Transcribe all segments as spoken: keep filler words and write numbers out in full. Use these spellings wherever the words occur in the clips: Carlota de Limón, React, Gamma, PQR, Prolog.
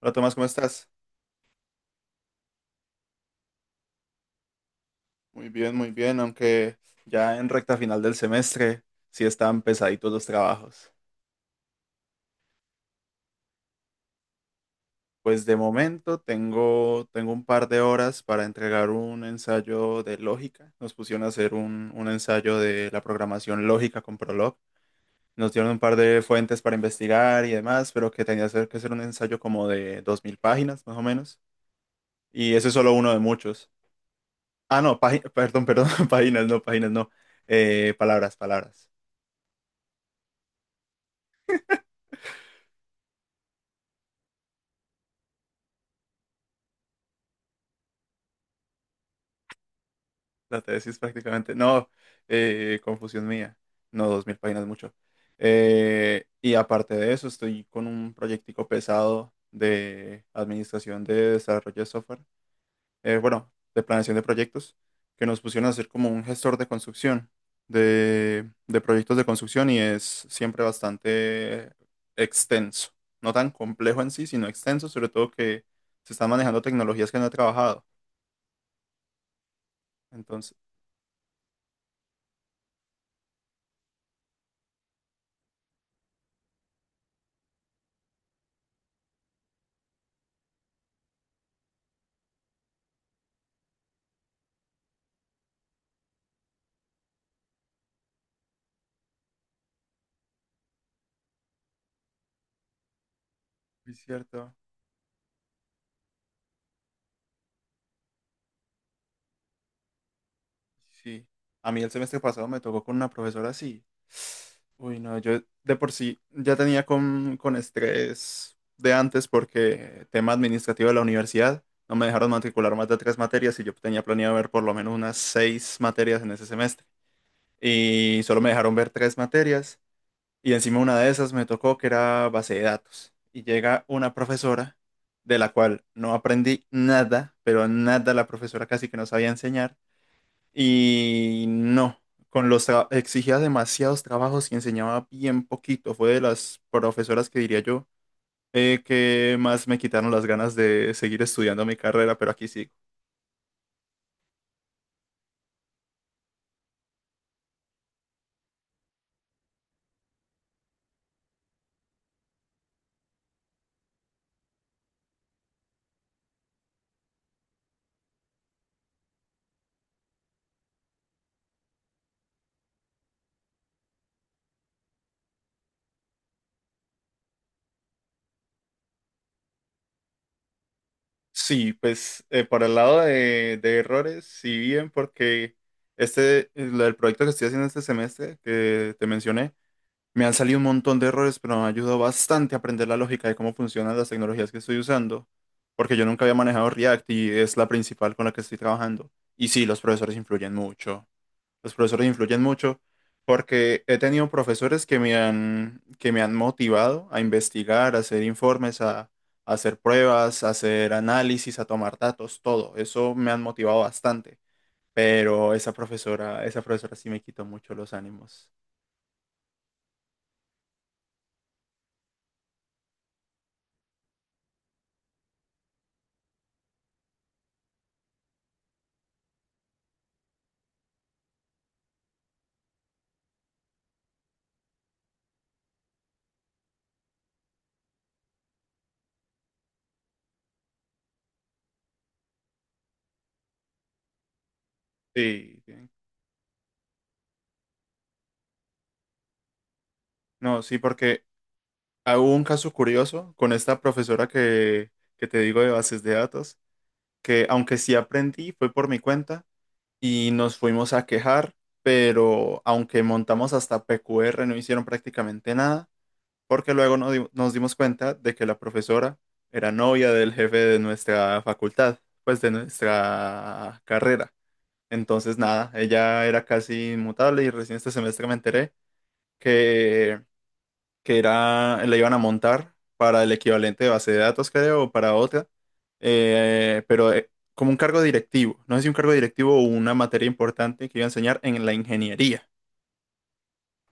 Hola Tomás, ¿cómo estás? Muy bien, muy bien, aunque ya en recta final del semestre sí están pesaditos los trabajos. Pues de momento tengo, tengo un par de horas para entregar un ensayo de lógica. Nos pusieron a hacer un, un ensayo de la programación lógica con Prolog. Nos dieron un par de fuentes para investigar y demás, pero que tenía que ser que ser un ensayo como de dos mil páginas, más o menos. Y ese es solo uno de muchos. Ah, no, págin- perdón, perdón, páginas, no, páginas, no. Eh, palabras, palabras. La tesis prácticamente. No, eh, confusión mía. No, dos mil páginas mucho. Eh, y aparte de eso, estoy con un proyectico pesado de administración de desarrollo de software. Eh, bueno, de planeación de proyectos, que nos pusieron a hacer como un gestor de construcción, de, de proyectos de construcción y es siempre bastante extenso. No tan complejo en sí, sino extenso, sobre todo que se están manejando tecnologías que no he trabajado. Entonces, es cierto. Sí, a mí el semestre pasado me tocó con una profesora así. Uy, no, yo de por sí ya tenía con, con estrés de antes porque tema administrativo de la universidad, no me dejaron matricular más de tres materias y yo tenía planeado ver por lo menos unas seis materias en ese semestre. Y solo me dejaron ver tres materias y encima una de esas me tocó que era base de datos. Y llega una profesora de la cual no aprendí nada, pero nada, la profesora casi que no sabía enseñar y no, con los tra- exigía demasiados trabajos y enseñaba bien poquito. Fue de las profesoras que diría yo, eh, que más me quitaron las ganas de seguir estudiando mi carrera, pero aquí sigo. Sí, pues, eh, por el lado de, de errores, sí bien, porque este, el, el proyecto que estoy haciendo este semestre, que te mencioné, me han salido un montón de errores, pero me ayudó bastante a aprender la lógica de cómo funcionan las tecnologías que estoy usando, porque yo nunca había manejado React y es la principal con la que estoy trabajando. Y sí, los profesores influyen mucho. Los profesores influyen mucho porque he tenido profesores que me han, que me han motivado a investigar, a hacer informes, a, a hacer pruebas, a hacer análisis, a tomar datos, todo. Eso me han motivado bastante, pero esa profesora, esa profesora sí me quitó mucho los ánimos. Sí, sí. No, sí, porque... Ah, hubo un caso curioso con esta profesora que, que te digo de bases de datos, que aunque sí aprendí, fue por mi cuenta y nos fuimos a quejar, pero aunque montamos hasta P Q R no hicieron prácticamente nada, porque luego nos, di- nos dimos cuenta de que la profesora era novia del jefe de nuestra facultad, pues de nuestra carrera. Entonces, nada, ella era casi inmutable y recién este semestre me enteré que que era, la iban a montar para el equivalente de base de datos, creo, o para otra, eh, pero eh, como un cargo directivo, no sé si un cargo directivo o una materia importante que iba a enseñar en la ingeniería,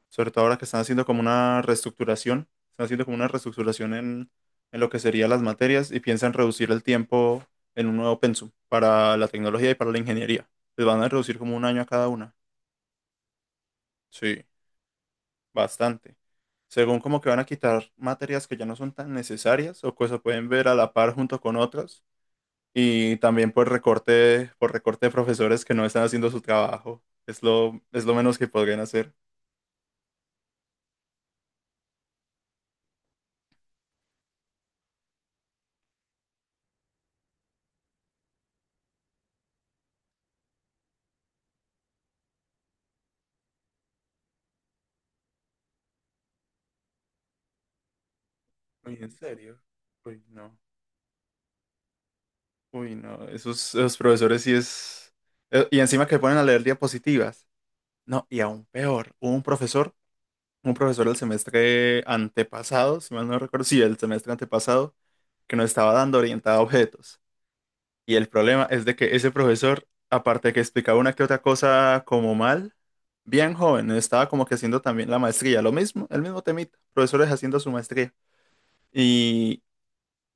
sobre todo ahora que están haciendo como una reestructuración, están haciendo como una reestructuración en, en lo que serían las materias y piensan reducir el tiempo en un nuevo pensum para la tecnología y para la ingeniería. Les van a reducir como un año a cada una. Sí, bastante. Según, como que van a quitar materias que ya no son tan necesarias o que se pueden ver a la par junto con otras. Y también por recorte, por recorte de profesores que no están haciendo su trabajo. Es lo, es lo menos que podrían hacer. Uy, ¿en serio? Uy, no. Uy, no. Esos, esos profesores sí es... eh, Y encima que ponen a leer diapositivas. No, y aún peor. Hubo un profesor, un profesor del semestre antepasado, si mal no recuerdo, sí, el semestre antepasado, que nos estaba dando orientada a objetos. Y el problema es de que ese profesor, aparte de que explicaba una que otra cosa como mal, bien joven, estaba como que haciendo también la maestría, lo mismo, el mismo temita, profesores haciendo su maestría. Y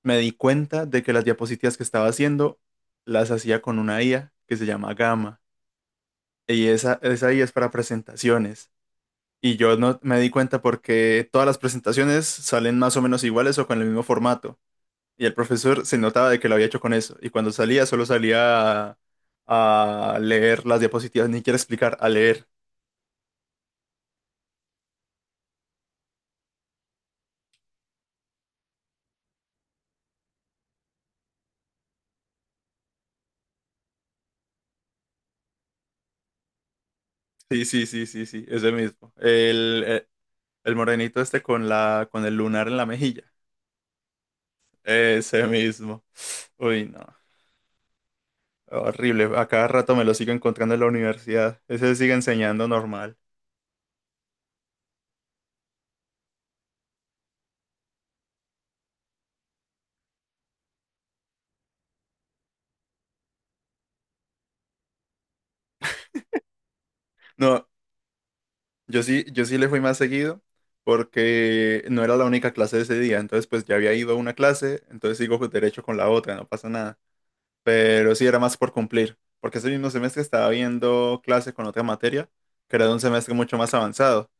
me di cuenta de que las diapositivas que estaba haciendo las hacía con una I A que se llama Gamma. Y esa, esa I A es para presentaciones. Y yo no me di cuenta porque todas las presentaciones salen más o menos iguales o con el mismo formato. Y el profesor se notaba de que lo había hecho con eso. Y cuando salía, solo salía a, a leer las diapositivas, ni quiere explicar, a leer. Sí, sí, sí, sí, sí, es ese mismo. El, eh, el morenito este con la, con el lunar en la mejilla. Ese mismo. Uy, no. Horrible. A cada rato me lo sigo encontrando en la universidad. Ese sigue enseñando normal. No, yo sí, yo sí le fui más seguido porque no era la única clase de ese día. Entonces, pues ya había ido a una clase, entonces sigo derecho con la otra, no pasa nada. Pero sí era más por cumplir, porque ese mismo semestre estaba viendo clase con otra materia, que era de un semestre mucho más avanzado,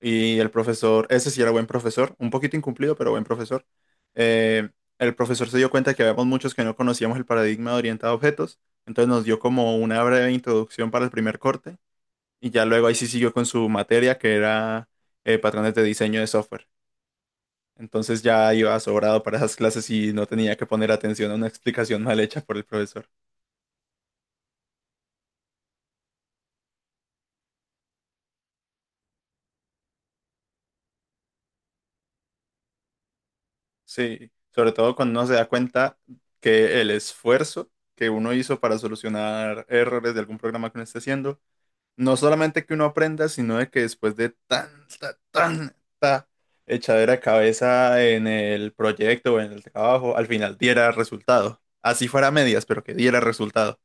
y el profesor, ese sí era buen profesor, un poquito incumplido, pero buen profesor. Eh, el profesor se dio cuenta que habíamos muchos que no conocíamos el paradigma de orientado a objetos, entonces nos dio como una breve introducción para el primer corte, y ya luego ahí sí siguió con su materia, que era eh, patrones de diseño de software. Entonces ya iba sobrado para esas clases y no tenía que poner atención a una explicación mal hecha por el profesor. Sí, sobre todo cuando uno se da cuenta que el esfuerzo que uno hizo para solucionar errores de algún programa que uno esté haciendo, no solamente que uno aprenda, sino de que después de tanta, tanta echadera de cabeza en el proyecto o en el trabajo, al final diera resultado. Así fuera a medias, pero que diera resultado.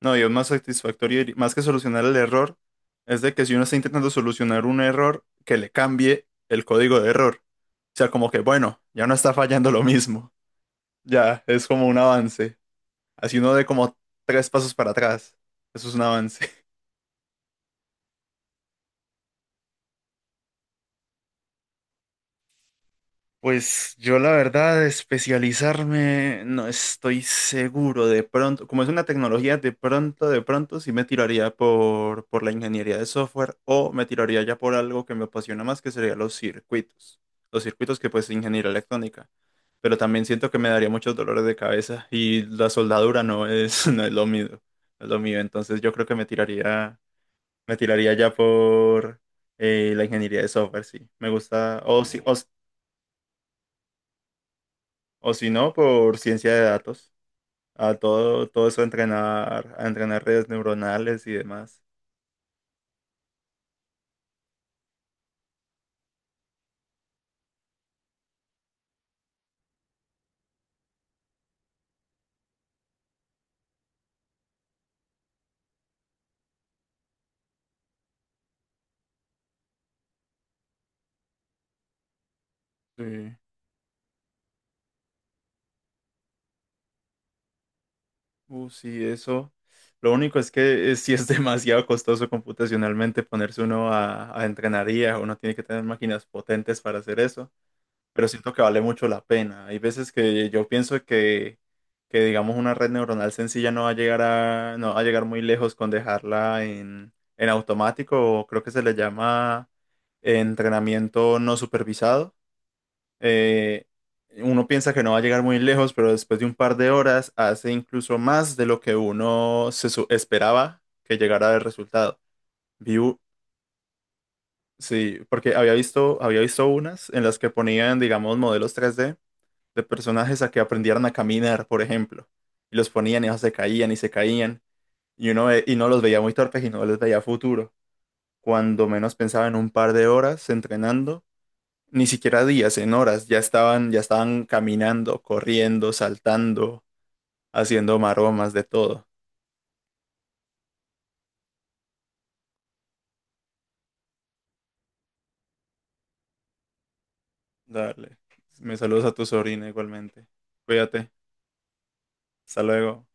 No, y es más satisfactorio, y más que solucionar el error, es de que si uno está intentando solucionar un error, que le cambie el código de error. O sea, como que, bueno, ya no está fallando lo mismo. Ya, es como un avance. Así uno de como tres pasos para atrás. Eso es un avance. Pues yo la verdad, especializarme, no estoy seguro. De pronto, como es una tecnología, de pronto, de pronto sí me tiraría por, por la ingeniería de software o me tiraría ya por algo que me apasiona más, que sería los circuitos. Los circuitos que pues ingeniería electrónica. Pero también siento que me daría muchos dolores de cabeza y la soldadura no es, no es lo mío. No es lo mío. Entonces yo creo que me tiraría... Me tiraría ya por eh, la ingeniería de software, sí. Me gusta, o si, o, s- o si no, por ciencia de datos. A todo, todo eso a entrenar, a entrenar redes neuronales y demás. Sí. Uh, sí, eso. Lo único es que eh, sí es demasiado costoso computacionalmente ponerse uno a, a entrenar I A. Uno tiene que tener máquinas potentes para hacer eso. Pero siento que vale mucho la pena. Hay veces que yo pienso que, que digamos, una red neuronal sencilla no va a llegar a, no va a llegar muy lejos con dejarla en, en automático, o creo que se le llama entrenamiento no supervisado. Eh, Uno piensa que no va a llegar muy lejos, pero después de un par de horas hace incluso más de lo que uno se su- esperaba que llegara el resultado. View, sí, porque había visto, había visto unas en las que ponían, digamos, modelos tres d de personajes a que aprendieran a caminar, por ejemplo. Y los ponían y ellos se caían y se caían. Y uno, ve- y no los veía muy torpes y no les veía futuro. Cuando menos pensaba, en un par de horas entrenando, ni siquiera días, en horas, ya estaban, ya estaban caminando, corriendo, saltando, haciendo maromas, de todo. Dale. Me saludas a tu sobrina igualmente. Cuídate. Hasta luego.